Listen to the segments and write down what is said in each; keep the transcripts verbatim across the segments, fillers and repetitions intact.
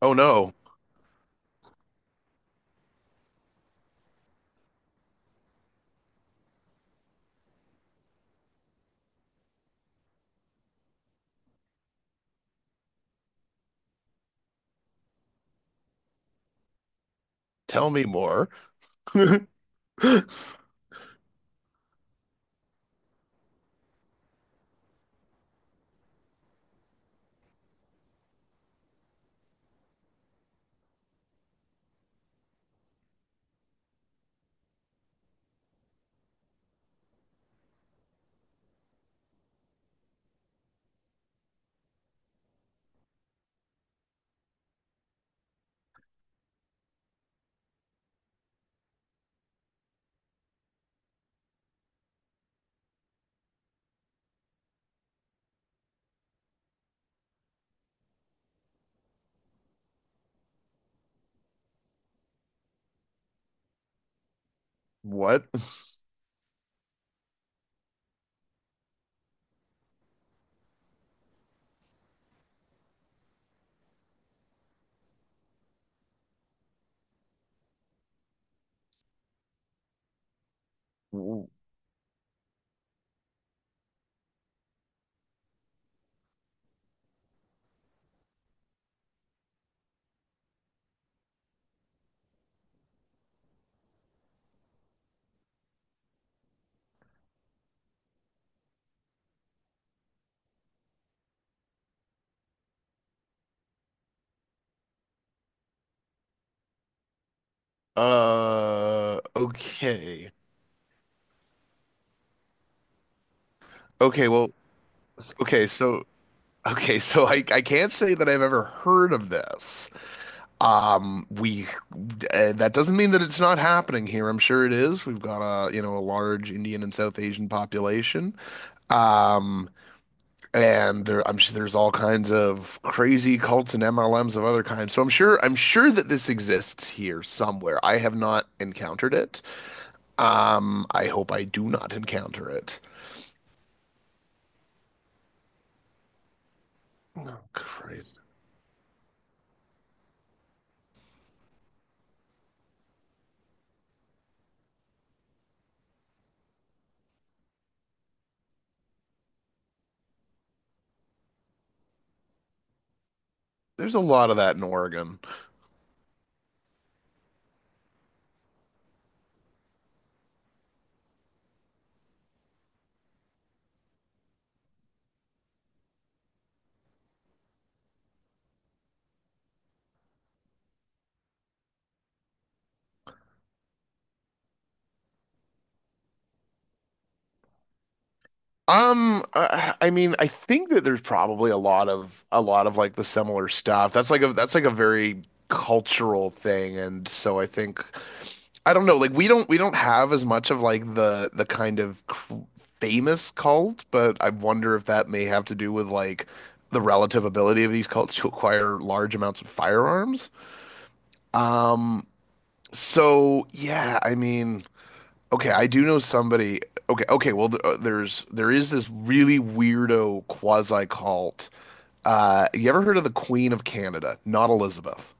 Oh no, tell me more. What? Uh, okay. Okay, well, okay, so okay, so I I can't say that I've ever heard of this. Um, we uh, That doesn't mean that it's not happening here. I'm sure it is. We've got a, you know, a large Indian and South Asian population. Um, and there I'm sure there's all kinds of crazy cults and M L Ms of other kinds. So I'm sure I'm sure that this exists here somewhere. I have not encountered it. Um, I hope I do not encounter it. Oh, Christ. There's a lot of that in Oregon. Um, I, I mean, I think that there's probably a lot of a lot of like the similar stuff. That's like a that's like a very cultural thing, and so I think I don't know. Like we don't we don't have as much of like the the kind of cr famous cult, but I wonder if that may have to do with like the relative ability of these cults to acquire large amounts of firearms. Um, so yeah, I mean, okay, I do know somebody. Okay, okay, well, th- uh, there's there is this really weirdo quasi cult. Uh, you ever heard of the Queen of Canada? Not Elizabeth.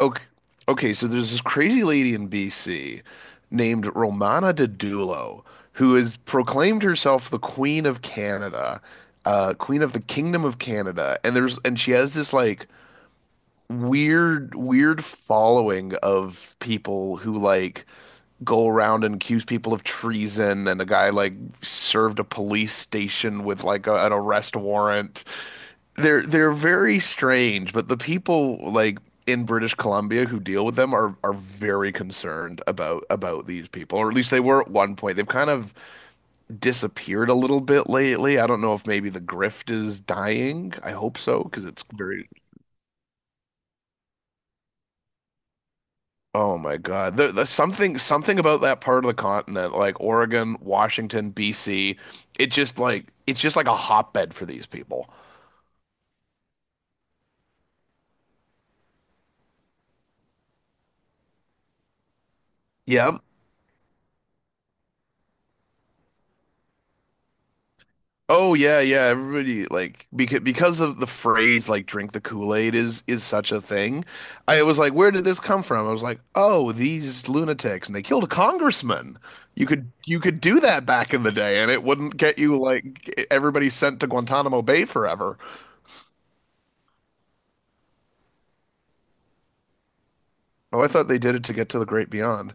Okay, okay, so there's this crazy lady in B C named Romana Dedulo who has proclaimed herself the Queen of Canada, uh, Queen of the Kingdom of Canada, and there's and she has this like weird, weird following of people who like go around and accuse people of treason, and a guy like served a police station with like a, an arrest warrant. They're they're very strange, but the people like in British Columbia who deal with them are are very concerned about about these people, or at least they were at one point. They've kind of disappeared a little bit lately. I don't know if maybe the grift is dying. I hope so because it's very. Oh my God, The the something something about that part of the continent, like Oregon, Washington, B C, it just like it's just like a hotbed for these people. Yeah. Oh yeah, yeah. Everybody like because because of the phrase like "drink the Kool-Aid" is is such a thing. I was like, where did this come from? I was like, oh, these lunatics, and they killed a congressman. You could you could do that back in the day, and it wouldn't get you like e-, everybody sent to Guantanamo Bay forever. Oh, I thought they did it to get to the great beyond.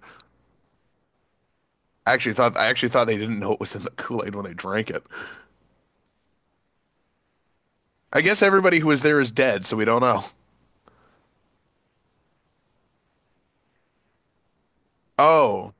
I actually thought I actually thought they didn't know it was in the Kool-Aid when they drank it. I guess everybody who was there is dead, so we don't know. Oh,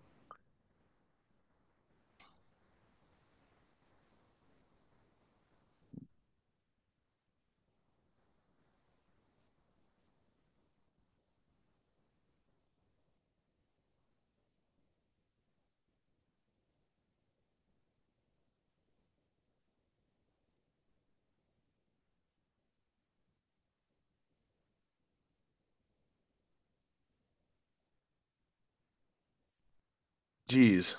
geez.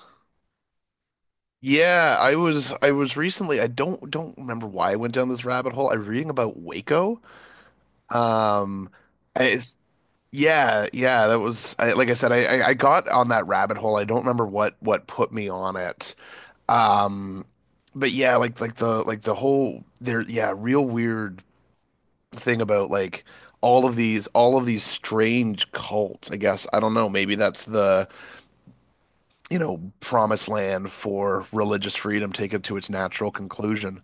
Yeah, I was I was recently, I don't don't remember why, I went down this rabbit hole. I was reading about Waco. Um I, it's- yeah, yeah, that was I, like I said, I, I I got on that rabbit hole. I don't remember what what put me on it. Um but yeah, like like the like the whole there yeah, real weird thing about like all of these all of these strange cults. I guess I don't know, maybe that's the, you know, promised land for religious freedom taken to its natural conclusion.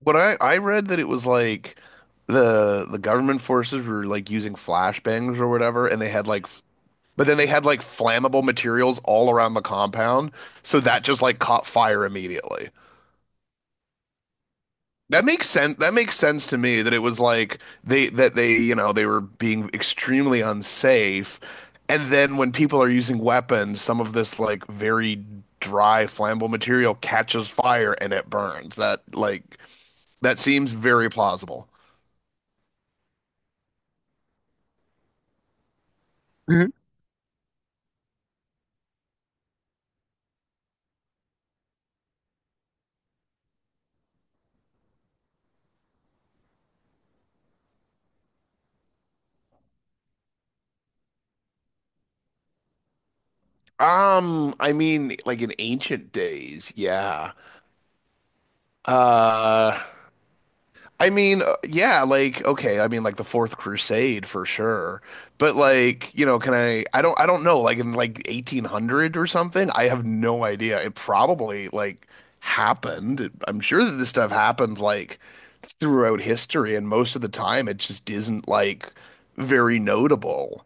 What I I read that it was like the the government forces were like using flashbangs or whatever, and they had like, f- but then they had like flammable materials all around the compound, so that just like caught fire immediately. That makes sense. That makes sense to me that it was like they that they you know they were being extremely unsafe, and then when people are using weapons, some of this like very dry flammable material catches fire and it burns. That like that seems very plausible. Um, I mean, like in ancient days, yeah. Uh, I mean, uh, yeah, like okay, I mean, like the Fourth Crusade for sure. But like, you know, can I? I don't, I don't know. Like in like eighteen hundred or something. I have no idea. It probably like happened. I'm sure that this stuff happened like throughout history, and most of the time, it just isn't like very notable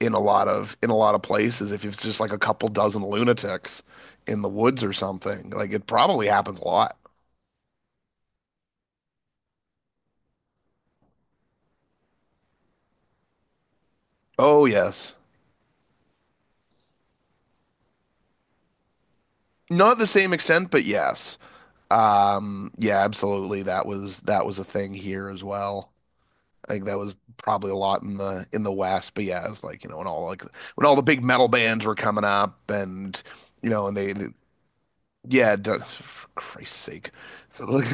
in a lot of in a lot of places if it's just like a couple dozen lunatics in the woods or something. Like it probably happens a lot. Oh yes. Not the same extent, but yes. Um yeah, absolutely. That was that was a thing here as well. I think that was probably a lot in the in the West, but yeah, it was like, you know, when all like when all the big metal bands were coming up and you know, and they they yeah, for Christ's sake. Like,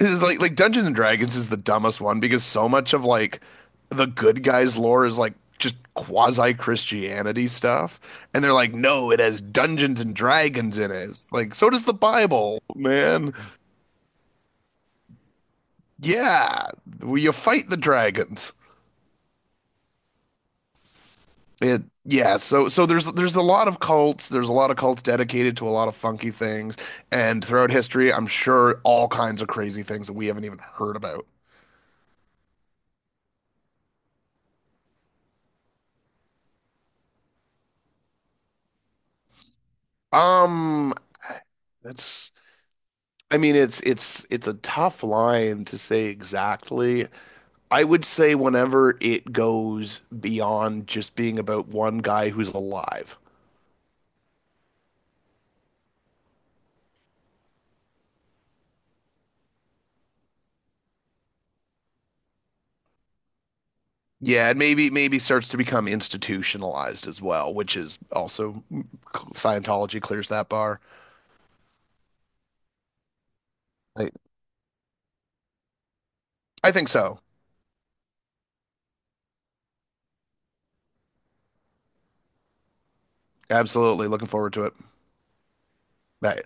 is like like Dungeons and Dragons is the dumbest one because so much of like the good guys lore is like just quasi Christianity stuff, and they're like, no, it has Dungeons and Dragons in it. It's like so does the Bible, man. Yeah, well, you fight the dragons. It yeah. So so there's there's a lot of cults. There's a lot of cults dedicated to a lot of funky things, and throughout history, I'm sure all kinds of crazy things that we haven't even heard about. Um, that's I mean, it's it's it's a tough line to say exactly. I would say whenever it goes beyond just being about one guy who's alive. Yeah, and maybe maybe starts to become institutionalized as well, which is also Scientology clears that bar. I, I think so. Absolutely, looking forward to it. I,